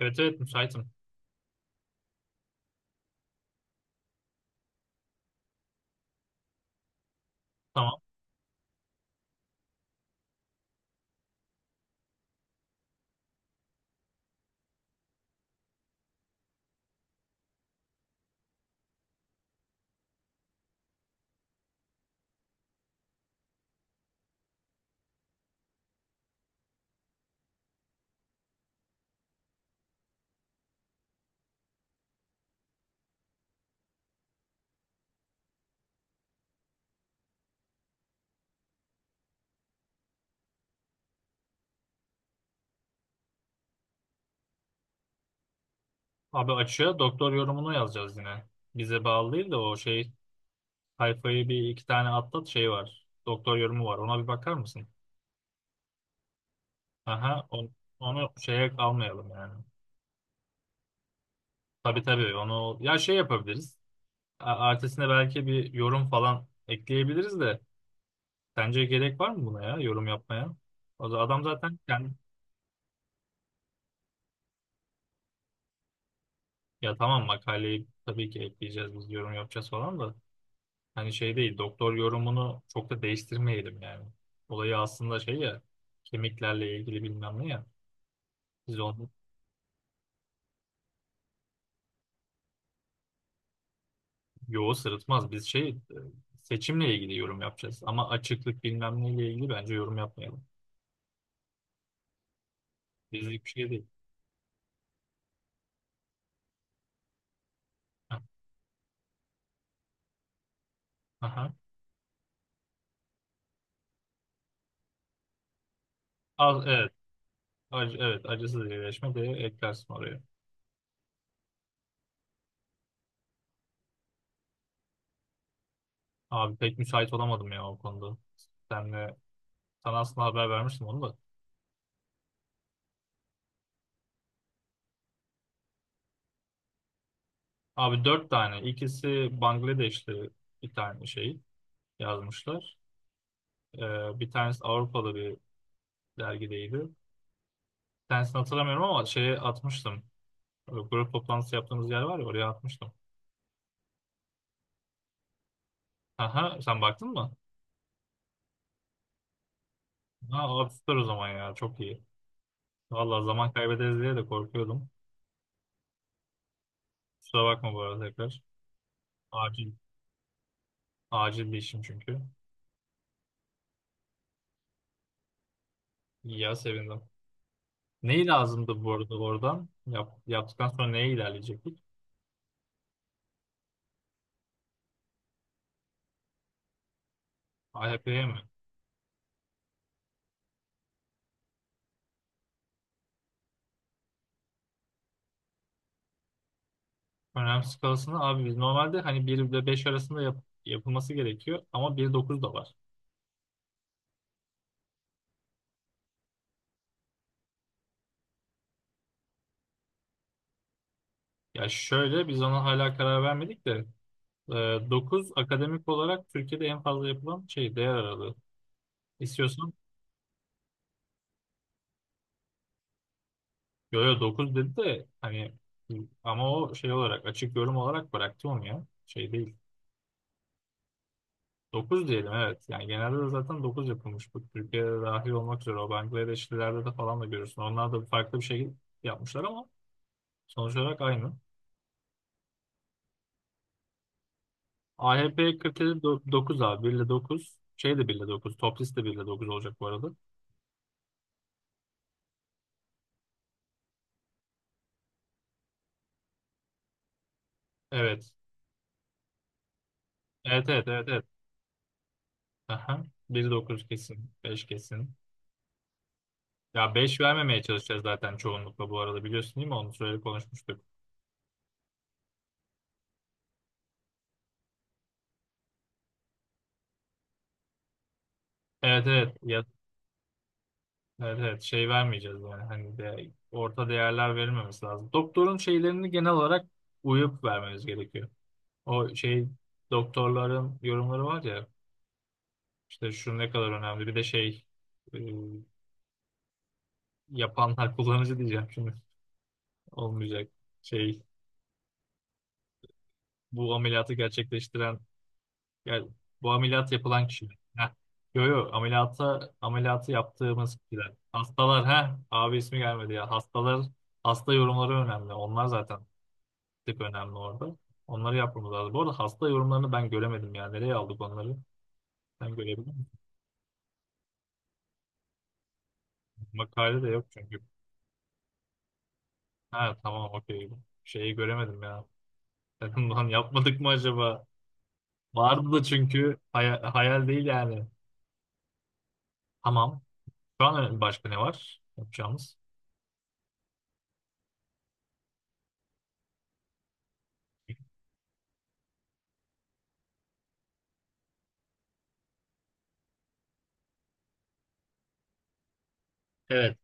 Evet, evet, müsaitim. Tamam. Abi açığa doktor yorumunu yazacağız yine. Bize bağlı değil de o şey sayfayı bir iki tane atlat şey var. Doktor yorumu var. Ona bir bakar mısın? Aha on- Onu şeye almayalım yani. Tabii, tabii, onu ya şey yapabiliriz. Ertesine belki bir yorum falan ekleyebiliriz de sence gerek var mı buna ya yorum yapmaya? O da adam zaten kendi ya tamam makaleyi tabii ki ekleyeceğiz biz yorum yapacağız falan da. Hani şey değil, doktor yorumunu çok da değiştirmeyelim yani. Olayı aslında şey ya, kemiklerle ilgili bilmem ne ya. Biz onu yoğu sırıtmaz. Biz şey seçimle ilgili yorum yapacağız. Ama açıklık bilmem neyle ilgili bence yorum yapmayalım. Bizlik bir şey değil. Ha. Aha. Az, evet. Acı, evet. Acısız iyileşme de eklersin oraya. Abi pek müsait olamadım ya o konuda. Senle, sana aslında haber vermiştim onu da. Abi dört tane. İkisi Bangladeşli bir tane şey yazmışlar. Bir tanesi Avrupalı bir dergideydi. Bir tanesini hatırlamıyorum ama şeye atmıştım. Grup toplantısı yaptığımız yer var ya oraya atmıştım. Aha sen baktın mı? Ha abi süper o zaman ya çok iyi. Vallahi zaman kaybederiz diye de korkuyordum. Kusura bakma bu arada tekrar. Acil. Acil bir işim çünkü. İyi ya sevindim. Neyi lazımdı bu arada oradan? Yaptıktan sonra neye ilerleyecektik? AHP'ye mi? Önem skalasını abi biz normalde hani bir ile 5 arasında yapılması gerekiyor ama bir nokta dokuz da var. Ya şöyle biz ona hala karar vermedik de 9 akademik olarak Türkiye'de en fazla yapılan şey değer aralığı. İstiyorsan yo, yo, 9 dedi de hani ama o şey olarak açık yorum olarak bıraktı onu ya. Şey değil. 9 diyelim, evet. Yani genelde de zaten dokuz yapılmış. Bu Türkiye'de dahil olmak üzere o Bangladeşlilerde de falan da görürsün. Onlar da farklı bir şekilde yapmışlar ama sonuç olarak aynı. AHP 47 dokuz abi 1 ile 9. Şey de 1 ile 9. Top list de 1 ile 9 olacak bu arada. Evet. Evet, evet, evet, evet. Aha. Bir dokuz kesin. Beş kesin. Ya 5 vermemeye çalışacağız zaten çoğunlukla bu arada biliyorsun değil mi? Onu söyle konuşmuştuk. Evet, evet. Ya, evet, evet. Şey vermeyeceğiz yani. Hani de orta değerler verilmemesi lazım. Doktorun şeylerini genel olarak uyup vermemiz gerekiyor. O şey doktorların yorumları var ya işte şu ne kadar önemli. Bir de şey e, yapanlar kullanıcı diyeceğim şimdi. Olmayacak. Şey bu ameliyatı gerçekleştiren. Yani bu ameliyat yapılan kişiler. Heh. Yo, yo, ameliyatı yaptığımız kişiler. Hastalar ha abi ismi gelmedi ya. Hastalar hasta yorumları önemli. Onlar zaten tek önemli orada. Onları yapmamız lazım. Bu arada hasta yorumlarını ben göremedim ya. Nereye aldık onları? Sen görebilir misin? Makale de yok çünkü. Ha tamam okey. Şeyi göremedim ya. Dedim lan yapmadık mı acaba? Vardı da çünkü hayal değil yani. Tamam. Şu an başka ne var yapacağımız? Evet.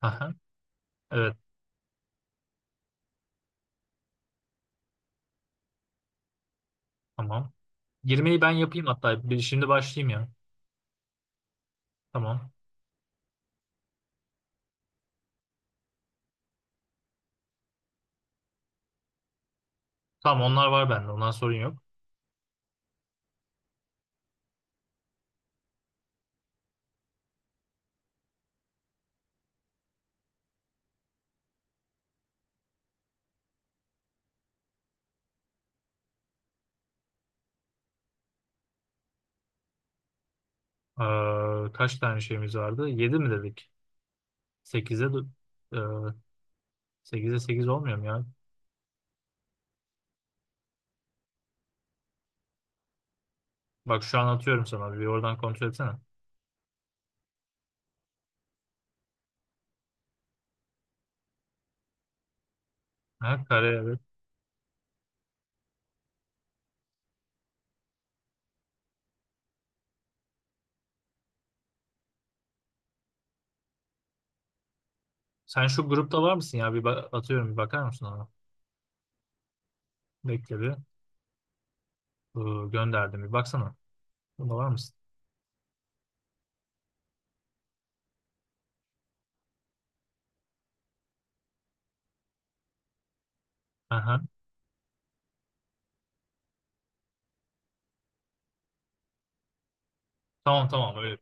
Aha. Evet. Tamam. Girmeyi ben yapayım hatta. Şimdi başlayayım ya. Tamam. Tamam onlar var bende. Ondan sorun yok. Kaç tane şeyimiz vardı? 7 mi dedik? 8'e. Sekize 8 olmuyor mu ya? Bak şu an atıyorum sana. Bir oradan kontrol etsene. Ha, kare, evet. Sen şu grupta var mısın ya? Bir atıyorum bir bakar mısın ona? Bekle bir. Gönderdim bir baksana. Burada var mısın? Aha. Tamam, tamam, öyle.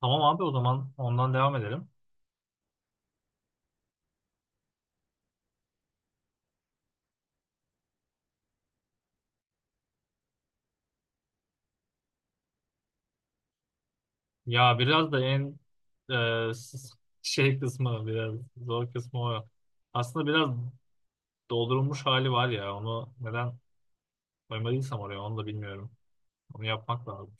Tamam abi o zaman ondan devam edelim. Ya biraz da e, s- şey kısmı biraz zor kısmı o. Aslında biraz doldurulmuş hali var ya onu neden koymadıysam oraya onu da bilmiyorum. Onu yapmak lazım.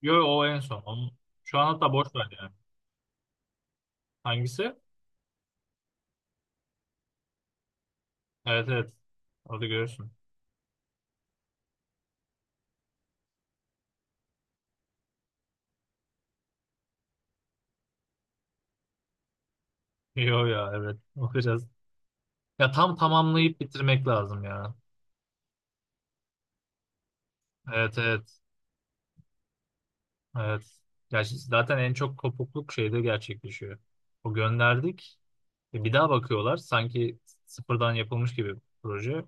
Yo o en son. Şu an hatta boş ver yani. Hangisi? Evet, evet. Orada görürsün. Yo ya evet. O biraz. Ya tam tamamlayıp bitirmek lazım ya. Evet, evet. Evet. Gerçi zaten en çok kopukluk şeyde gerçekleşiyor. O gönderdik. E, bir daha bakıyorlar. Sanki sıfırdan yapılmış gibi proje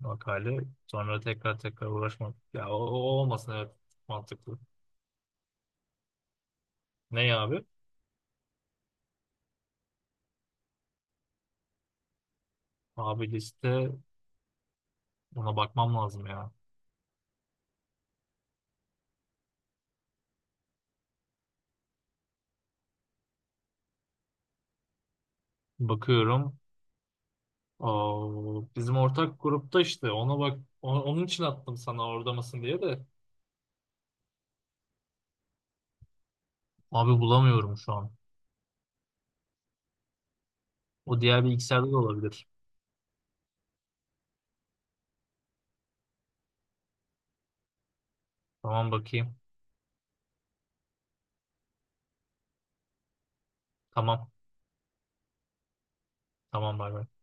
makale. Sonra tekrar tekrar uğraşmak. Ya o olmasın, evet, mantıklı. Ne ya abi? Abi liste ona bakmam lazım ya. Bakıyorum. Aa, bizim ortak grupta işte ona bak onun için attım sana orada mısın diye de. Abi bulamıyorum şu an. O diğer bilgisayarda da olabilir. Tamam bakayım. Tamam. Tamam bay bay.